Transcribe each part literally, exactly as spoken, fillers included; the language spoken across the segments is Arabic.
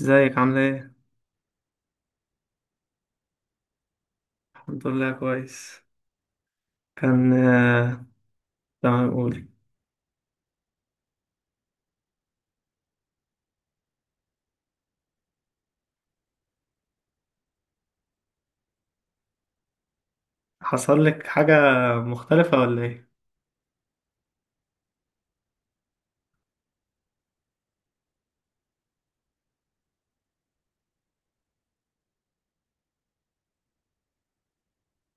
ازيك، عاملة ايه؟ الحمد لله كويس. كان آه، تمام، قولي. حصل لك حاجة مختلفة ولا ايه؟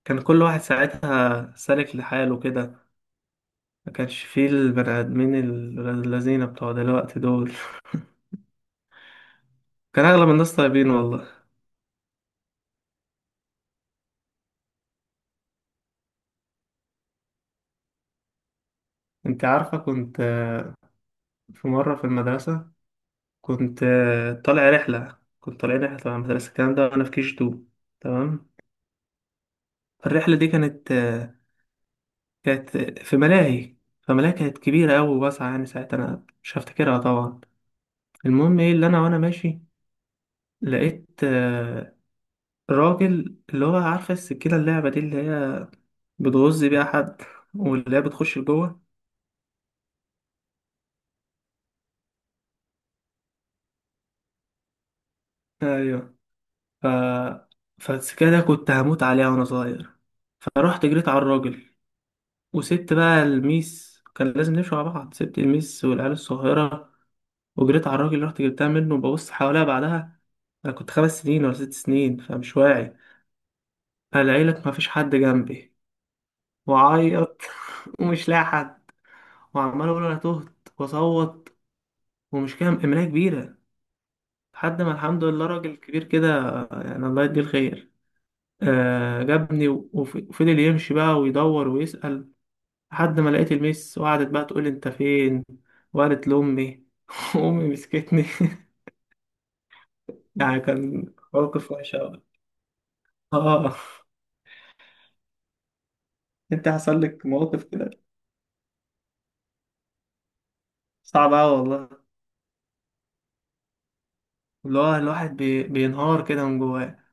كان كل واحد ساعتها سالك لحاله كده. ما كانش فيه البني آدمين ال- الذين بتوع دلوقتي دول. كان أغلب الناس طيبين والله. انت عارفة، كنت آه، في مرة في المدرسة كنت آه، طالع رحلة، كنت طالعين رحلة تبع المدرسة الكلام ده، وأنا في كيش تو، تمام. الرحلة دي كانت آه، كانت في ملاهي. فملاهي كانت كبيرة أوي، واسعة يعني، ساعتها أنا مش هفتكرها طبعا. المهم إيه اللي أنا، وأنا ماشي لقيت آه، راجل، اللي هو عارفة السكينة، اللعبة دي اللي هي بتغز بيها حد واللي هي بتخش لجوه. أيوه. ف... فالسكينة دي كنت هموت عليها وأنا صغير، فرحت جريت على الراجل وسبت بقى الميس، كان لازم نمشي مع بعض، سبت الميس والعيال الصغيرة وجريت على الراجل، رحت جبتها منه وببص حواليها بعدها. أنا كنت خمس سنين ولا ست سنين، فمش واعي. فلقيلك مفيش حد جنبي، وعيط. ومش لاقي حد، وعمال اقول انا تهت واصوت، ومش كام املاء كبيره. لحد ما الحمد لله راجل كبير كده، يعني الله يديه الخير، آه جابني و- وف- وفضل يمشي بقى ويدور ويسأل، لحد ما لقيت الميس، وقعدت بقى تقول لي انت فين، وقالت لامي. امي مسكتني. يعني كان موقف وحش قوي. اه. انت حصل لك مواقف كده؟ صعب قوي والله. اللي هو الواحد بي... بينهار كده من جواه.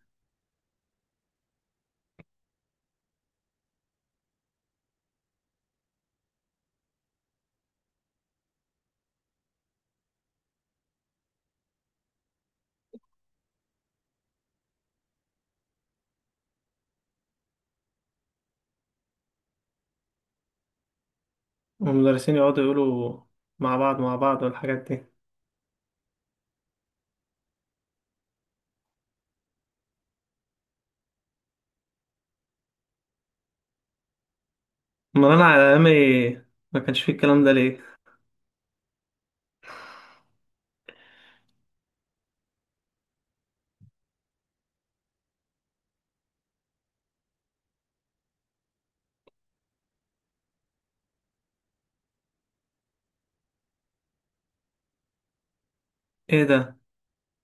والمدرسين يقعدوا يقولوا مع بعض، مع بعض، والحاجات دي. امال انا على ايامي ما كانش فيه الكلام ده، ليه؟ ايه ده؟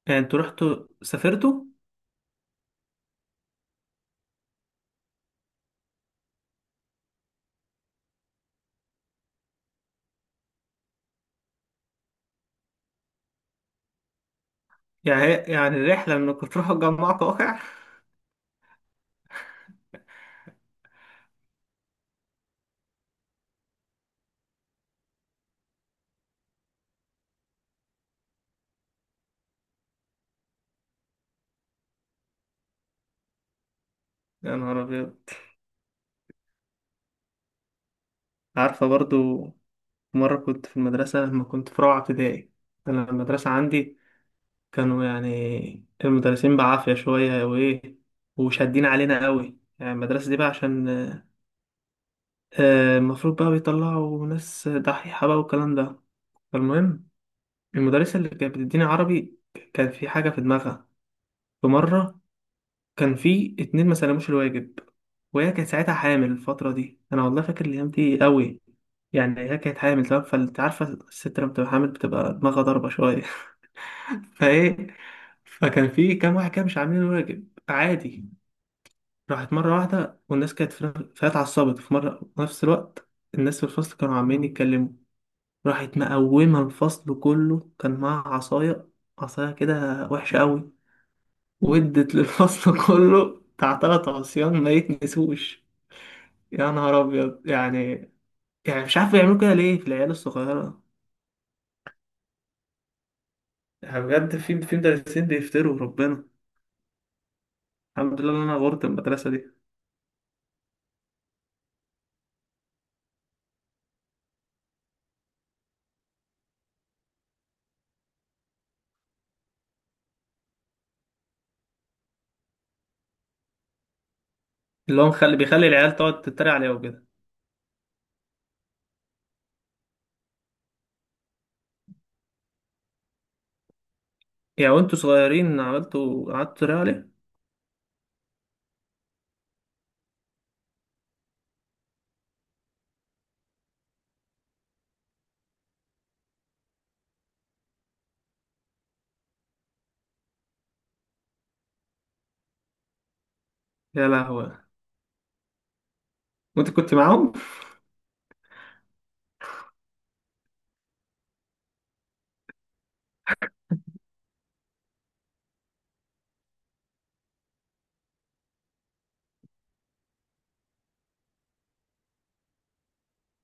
يعني انتوا رحتوا سافرتوا؟ يعني يعني الرحله انكم تروحوا تجمعوا واقع؟ يا نهار ابيض. عارفه برضو. مره كنت في المدرسه لما كنت في رابعه ابتدائي. انا المدرسه عندي كانوا يعني المدرسين بعافيه شويه وايه، وشادين علينا قوي، يعني المدرسه دي بقى عشان آه، المفروض بقى بيطلعوا ناس دحيحه بقى والكلام ده. فالمهم، المدرسة اللي كانت بتديني عربي كان في حاجة في دماغها. في مرة كان في اتنين ما سلموش الواجب، وهي كانت ساعتها حامل. الفترة دي أنا والله فاكر الأيام دي قوي، يعني هي كانت حامل، تمام، فأنت عارفة الست لما بتبقى حامل بتبقى دماغها ضاربة شوية. فإيه، فكان في كام واحد كده مش عاملين الواجب عادي. راحت مرة واحدة، والناس كانت في- فهي اتعصبت في مرة، في نفس الوقت الناس في الفصل كانوا عمالين يتكلموا. راحت مقومة الفصل كله، كان معاها عصاية، عصاية كده وحشة قوي. ودت للفصل كله بتاع تلات عصيان ما يتنسوش. يا نهار أبيض يعني. يعني مش عارف يعملوا كده ليه في العيال الصغيرة. يعني بجد، في في مدرسين بيفتروا ربنا. الحمد لله إن أنا غورت المدرسة دي. اللي هو مخلي بيخلي العيال تقعد تتريق عليه وكده. يعني وأنتوا صغيرين عملتوا قعدتوا تتريقوا عليه. يا لهوي. وأنت كنت معاهم؟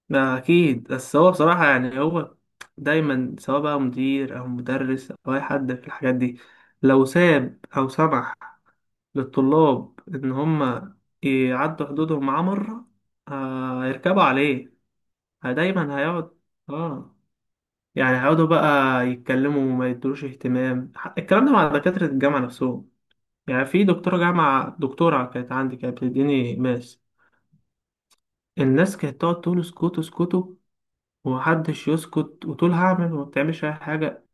ما أكيد، بس هو بصراحة، يعني هو دايما سواء بقى مدير أو مدرس أو أي حد في الحاجات دي، لو ساب أو سمح للطلاب إن هم يعدوا حدودهم معاه مرة، آه، هيركبوا عليه. ه- دايما هيقعد، اه، يعني هيقعدوا بقى يتكلموا وما يدروش اهتمام. ح- الكلام ده مع دكاترة الجامعة نفسهم. يعني في دكتورة جامعة، دكتورة كانت عندي، كانت بتديني ماس، الناس كانت تقعد تقول اسكتوا، اسكتوا، ومحدش يسكت، وتقول هعمل وما بتعملش أي حاجة.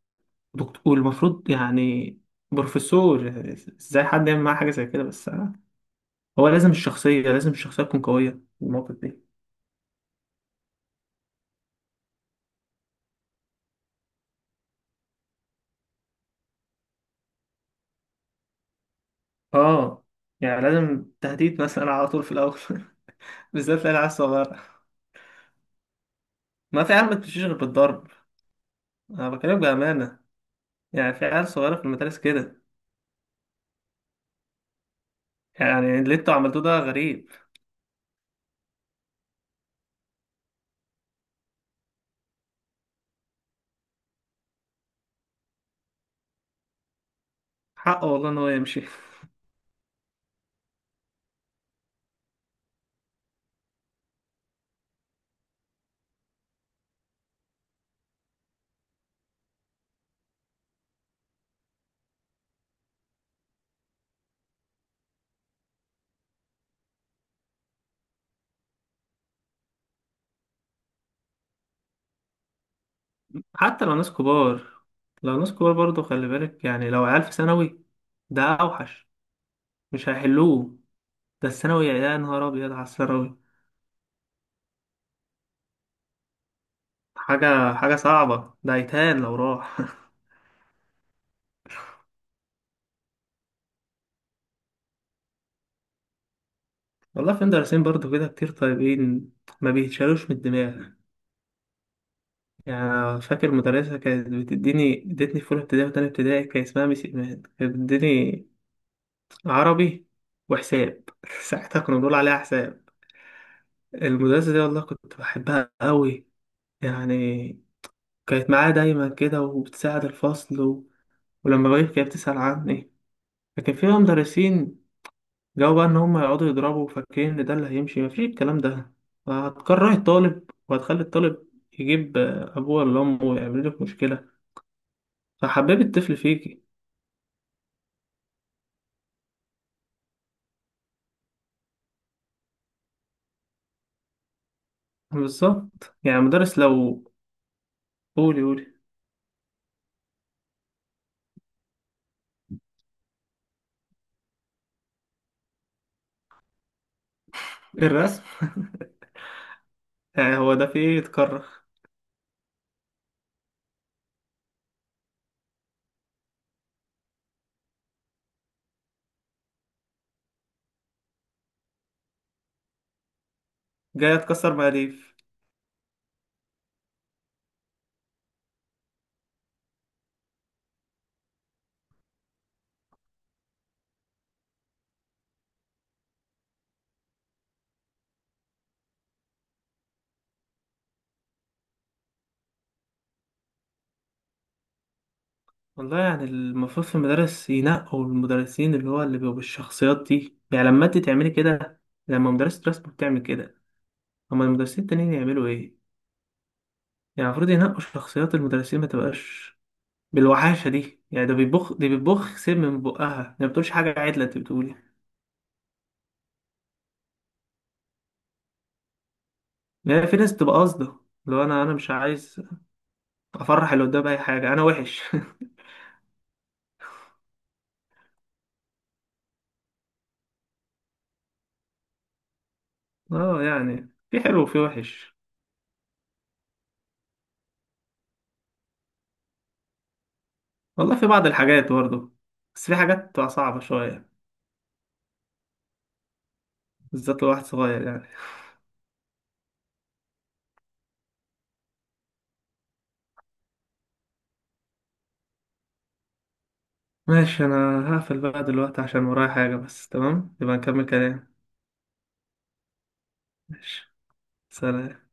دكتور، والمفروض يعني بروفيسور، يعني ازاي حد يعمل معاه حاجة زي كده؟ بس هو لازم الشخصية لازم الشخصية تكون قوية في المواقف دي. اه، يعني لازم تهديد مثلا على طول في الأول. بالذات العيال الصغيرة، ما في عيال ما بتمشيش غير بالضرب. أنا بكلمك بأمانة. يعني في عيال صغيرة في المدارس كده. يعني اللي انتوا عملتوه ده غريب. حقه والله إن هو يمشي. حتى لو ناس كبار لو ناس كبار برضه خلي بالك، يعني لو عيال في ثانوي ده أوحش. مش هيحلوه. ده الثانوي، يا نهار أبيض على الثانوي. حاجة حاجة صعبة، ده يتهان لو راح. والله في مدرسين برضه كده كتير طيبين ما بيتشالوش من الدماغ. يعني فاكر مدرسة كانت بتديني ادتني في أولى ابتدائي وتانية ابتدائي، كان اسمها ميس إيمان، كانت بتديني عربي وحساب. ساعتها كنا بنقول عليها حساب. المدرسة دي والله كنت بحبها قوي، يعني كانت معايا دايما كده وبتساعد الفصل و... ولما بغيب كانت بتسأل عني. لكن في بقى مدرسين جو بقى ان هم يقعدوا يضربوا، فاكرين ان ده اللي هيمشي، مفيش الكلام ده. هتكره الطالب، وهتخلي الطالب يجيب آه، ابوه ولا امه ويعمل لك مشكله. فحببي الطفل فيكي. بالظبط، يعني مدرس لو، قولي قولي. الرسم؟ يعني هو ده في ايه يتكرر. جاي اتكسر مقاديف. والله يعني المفروض في المدارس ينقوا المدرسين، اللي هو اللي بيبقوا بالشخصيات دي، يعني لما انت تعملي كده، لما مدرسة رسم بتعمل كده، اما المدرسين التانيين يعملوا ايه؟ يعني المفروض ينقوا شخصيات المدرسين، ما تبقاش بالوحاشه دي. يعني ده بيبخ دي بتبخ سم من بقها، ما بتقولش حاجه عدله، انت بتقولي. يعني في ناس بتبقى قاصده، لو انا انا مش عايز افرح اللي قدام، اي حاجه انا وحش. اه، يعني في حلو وفي وحش. والله في بعض الحاجات برضه، بس في حاجات بتبقى صعبه شويه. بالذات لو واحد صغير يعني. ماشي، انا هقفل بقى دلوقتي عشان ورايا حاجه، بس تمام يبقى نكمل كلام. ماشي، سلام.